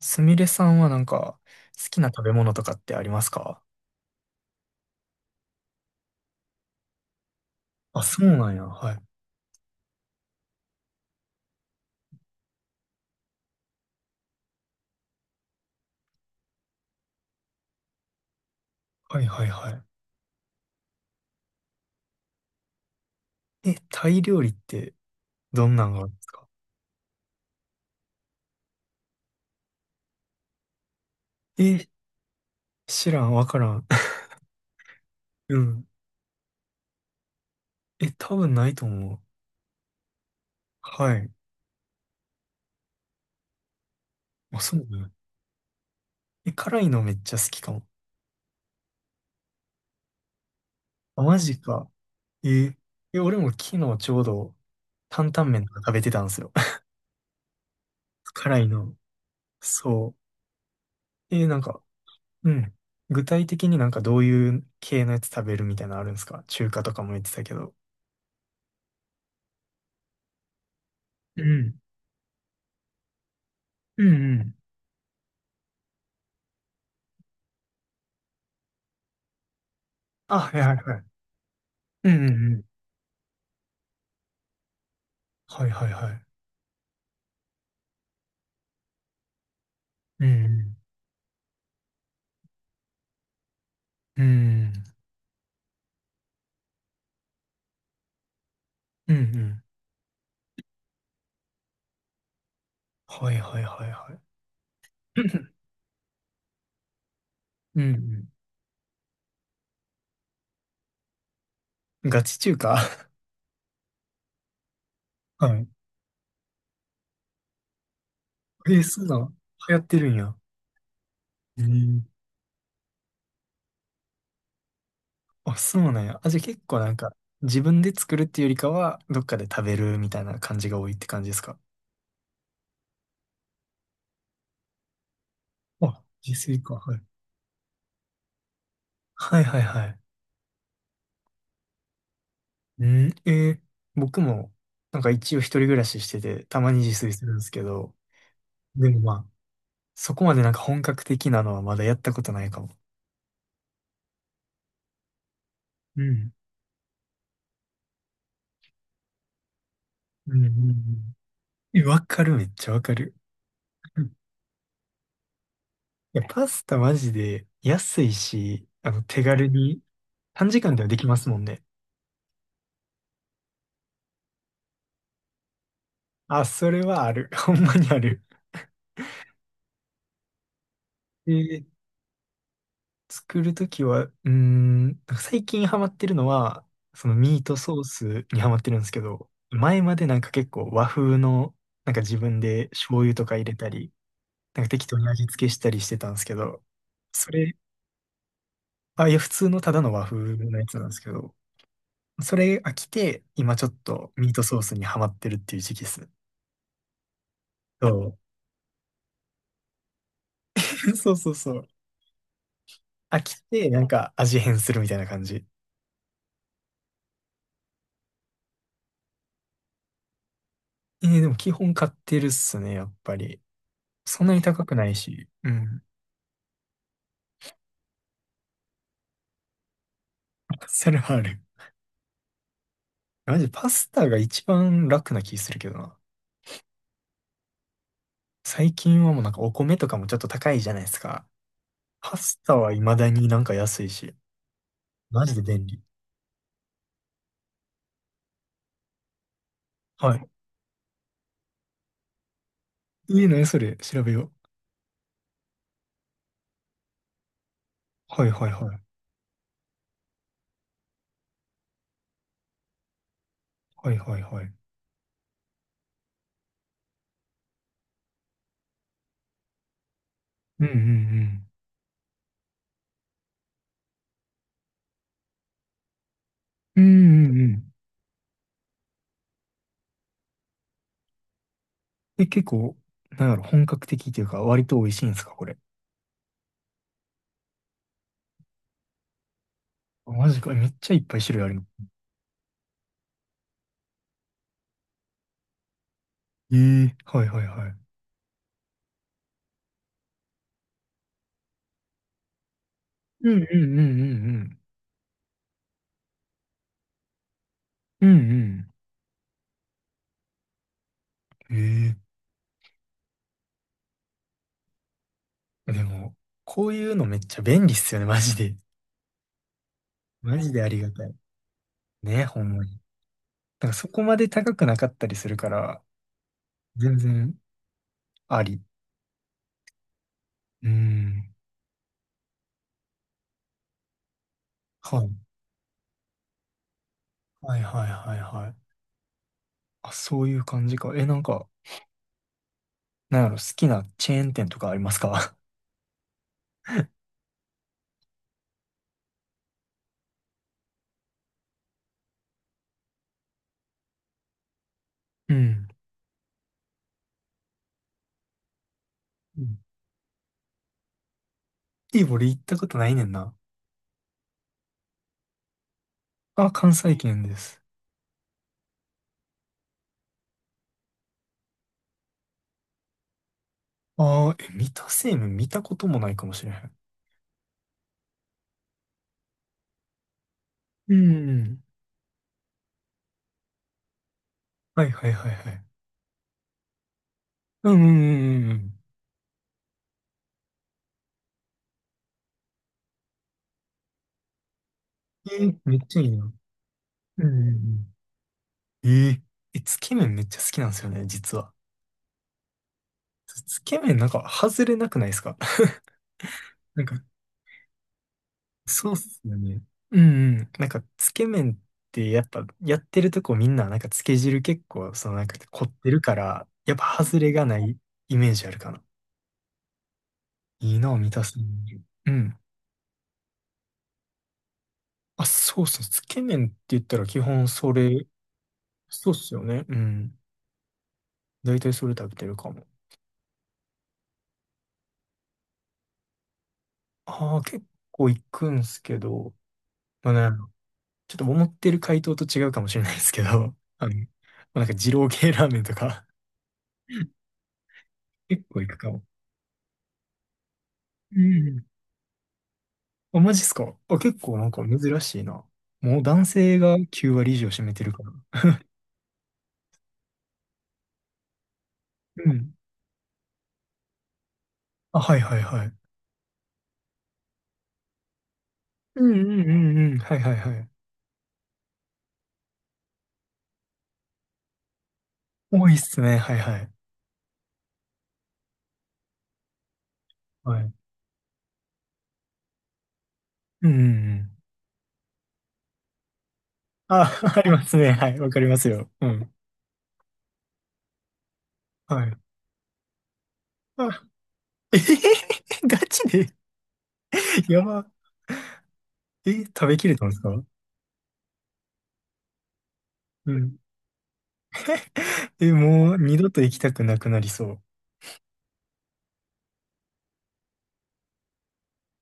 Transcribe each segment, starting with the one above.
すみれさんはなんか、好きな食べ物とかってありますか？あ、そうなんや。はい。はいはいはい。え、タイ料理ってどんなんがあるんですか？え、知らん、わからん。うん。え、多分ないと思う。はい。あ、そうね。え、辛いのめっちゃ好きかも。あ、マジか。え、え、俺も昨日ちょうど担々麺とか食べてたんですよ。辛いの。そう。え、なんか、うん。具体的になんかどういう系のやつ食べるみたいなのあるんですか？中華とかも言ってたけど。うん。うんうん。あ、はいはいはい。うんうんうん。はいはいはい。うんうん。うんうん。うんはいはいはいはい。うんうん。ガチ中華。 はい。えー、そうなの？流行ってるんや。えー、あ、そうなんや。あ、じゃあ結構なんか、自分で作るっていうよりかは、どっかで食べるみたいな感じが多いって感じですか？あ、自炊か。はい。はいはいはい。うん、僕も、なんか一応一人暮らししてて、たまに自炊するんですけど、でもまあ、そこまでなんか本格的なのはまだやったことないかも。うん。うんうんうん。え、わかる、めっちゃわかる。うん。いや、パスタマジで安いし、手軽に短時間ではできますもんね。あ、それはある。ほんまにある。で、作るときは、なんか最近ハマってるのは、そのミートソースにハマってるんですけど、前までなんか結構和風の、なんか自分で醤油とか入れたり、なんか適当に味付けしたりしてたんですけど、それあ、いや、普通のただの和風のやつなんですけど、それ飽きて、今ちょっとミートソースにハマってるっていう時期です。そう。そうそうそう。飽きて、なんか味変するみたいな感じ。でも基本買ってるっすね、やっぱり。そんなに高くないし。うん。それはある。マジパスタが一番楽な気するけどな。最近はもうなんかお米とかもちょっと高いじゃないですか。パスタは未だになんか安いし。マジで便利。はい。いいね、それ。調べよう。はいはいはい。はいはいはい。うんうんうん。うんうんうん。え、結構、なんだろう、本格的というか、割と美味しいんですか、これ？あマジか、めっちゃいっぱい種類あるの？ええはいはいはい。うんうんうんうんうん。うんうん。ええでも、こういうのめっちゃ便利っすよね、マジで。マジでありがたい。ね、ほんまに。なんかそこまで高くなかったりするから、全然あり。うん。はい。はいはいはいはい。あ、そういう感じか。え、なんか、なんやろ、好きなチェーン店とかありますか？うん。うん。いい、俺行ったことないねんな。あ、関西圏です。ああ、え、三田製麺見たこともないかもしれへん。うん。はいはいはいはい。うんうんうんうん。えー、めっちゃいいな。うんうんうん。えー、え、つけ麺めっちゃ好きなんですよね、実は。つけ麺なんか外れなくないですか？ なんかそうっすよね。うんうん。なんか、つけ麺ってやっぱ、やってるとこみんな、なんか、つけ汁結構、そのなんか、凝ってるから、やっぱ、外れがないイメージあるかな。いいな、満たす。うん。あ、そうそう。つけ麺って言ったら基本それ、そうっすよね。うん。だいたいそれ食べてるかも。ああ、結構行くんすけど、まあね、ちょっと思ってる回答と違うかもしれないですけど、まあ、なんか、二郎系ラーメンとか、結構行くかも。うん。あ、マジっすかあ、結構なんか珍しいな。もう男性が9割以上占めてるから。うん。あ、はいはいはい。うんうんうんうん。はいはいはい。多いっすね。はいはい。はい。うんうんうん。あ、ありますね。はい。わかりますよ。うん。はい。あ、えへへへ。ガチで。 やば。え、食べきれたんですか？うん。え、もう二度と行きたくなくなりそう。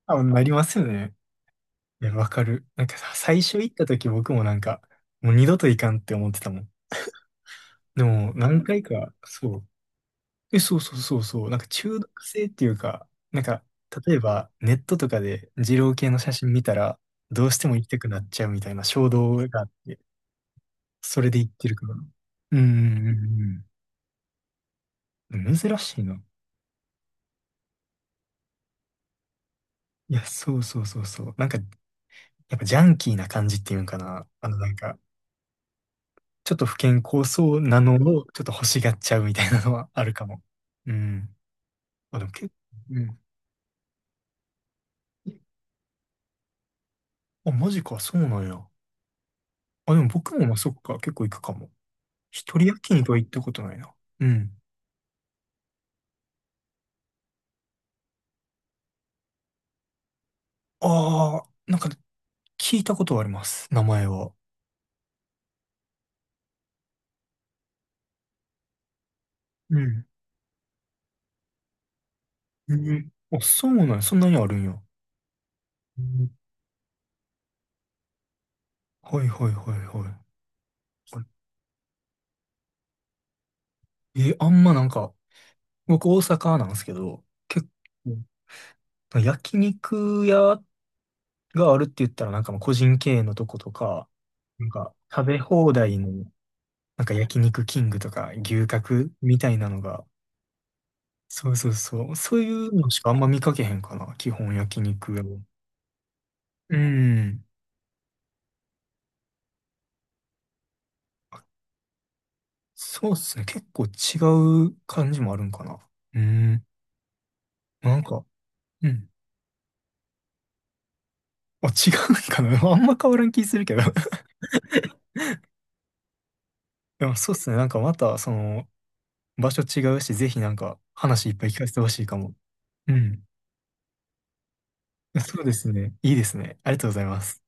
あ、なりますよね。いや、わかる。なんかさ、最初行った時僕もなんか、もう二度と行かんって思ってたもん。でも、何回か、そう。え、そうそうそうそう。なんか中毒性っていうか、なんか、例えば、ネットとかで二郎系の写真見たら、どうしても行きたくなっちゃうみたいな衝動があって、それで行ってるから。うんうんうんうん。珍しいな。いや、そうそうそうそう。なんか、やっぱジャンキーな感じっていうんかな。なんか、ちょっと不健康そうなのを、ちょっと欲しがっちゃうみたいなのはあるかも。うん。あ、でも結構、うん。あ、マジか、そうなんや。あ、でも僕もまあそっか、結構行くかも。一人焼肉は行ったことないな。うん。ああ、なんか聞いたことはあります、名前は。うん。うん。あ、そうなんや、そんなにあるんや。うんはいはいはいはい。え、あんまなんか、僕大阪なんですけど、結構、焼肉屋があるって言ったらなんかまあ個人経営のとことか、なんか食べ放題のなんか焼肉キングとか牛角みたいなのがそうそうそう。そういうのしかあんま見かけへんかな。基本焼肉屋は。うん。そうっすね。結構違う感じもあるんかな。うん。なんか、うん。あ、違うんかな。あんま変わらん気するけど。でもそうっすね。なんかまた、場所違うし、ぜひなんか話いっぱい聞かせてほしいかも。うん。そうですね。いいですね。ありがとうございます。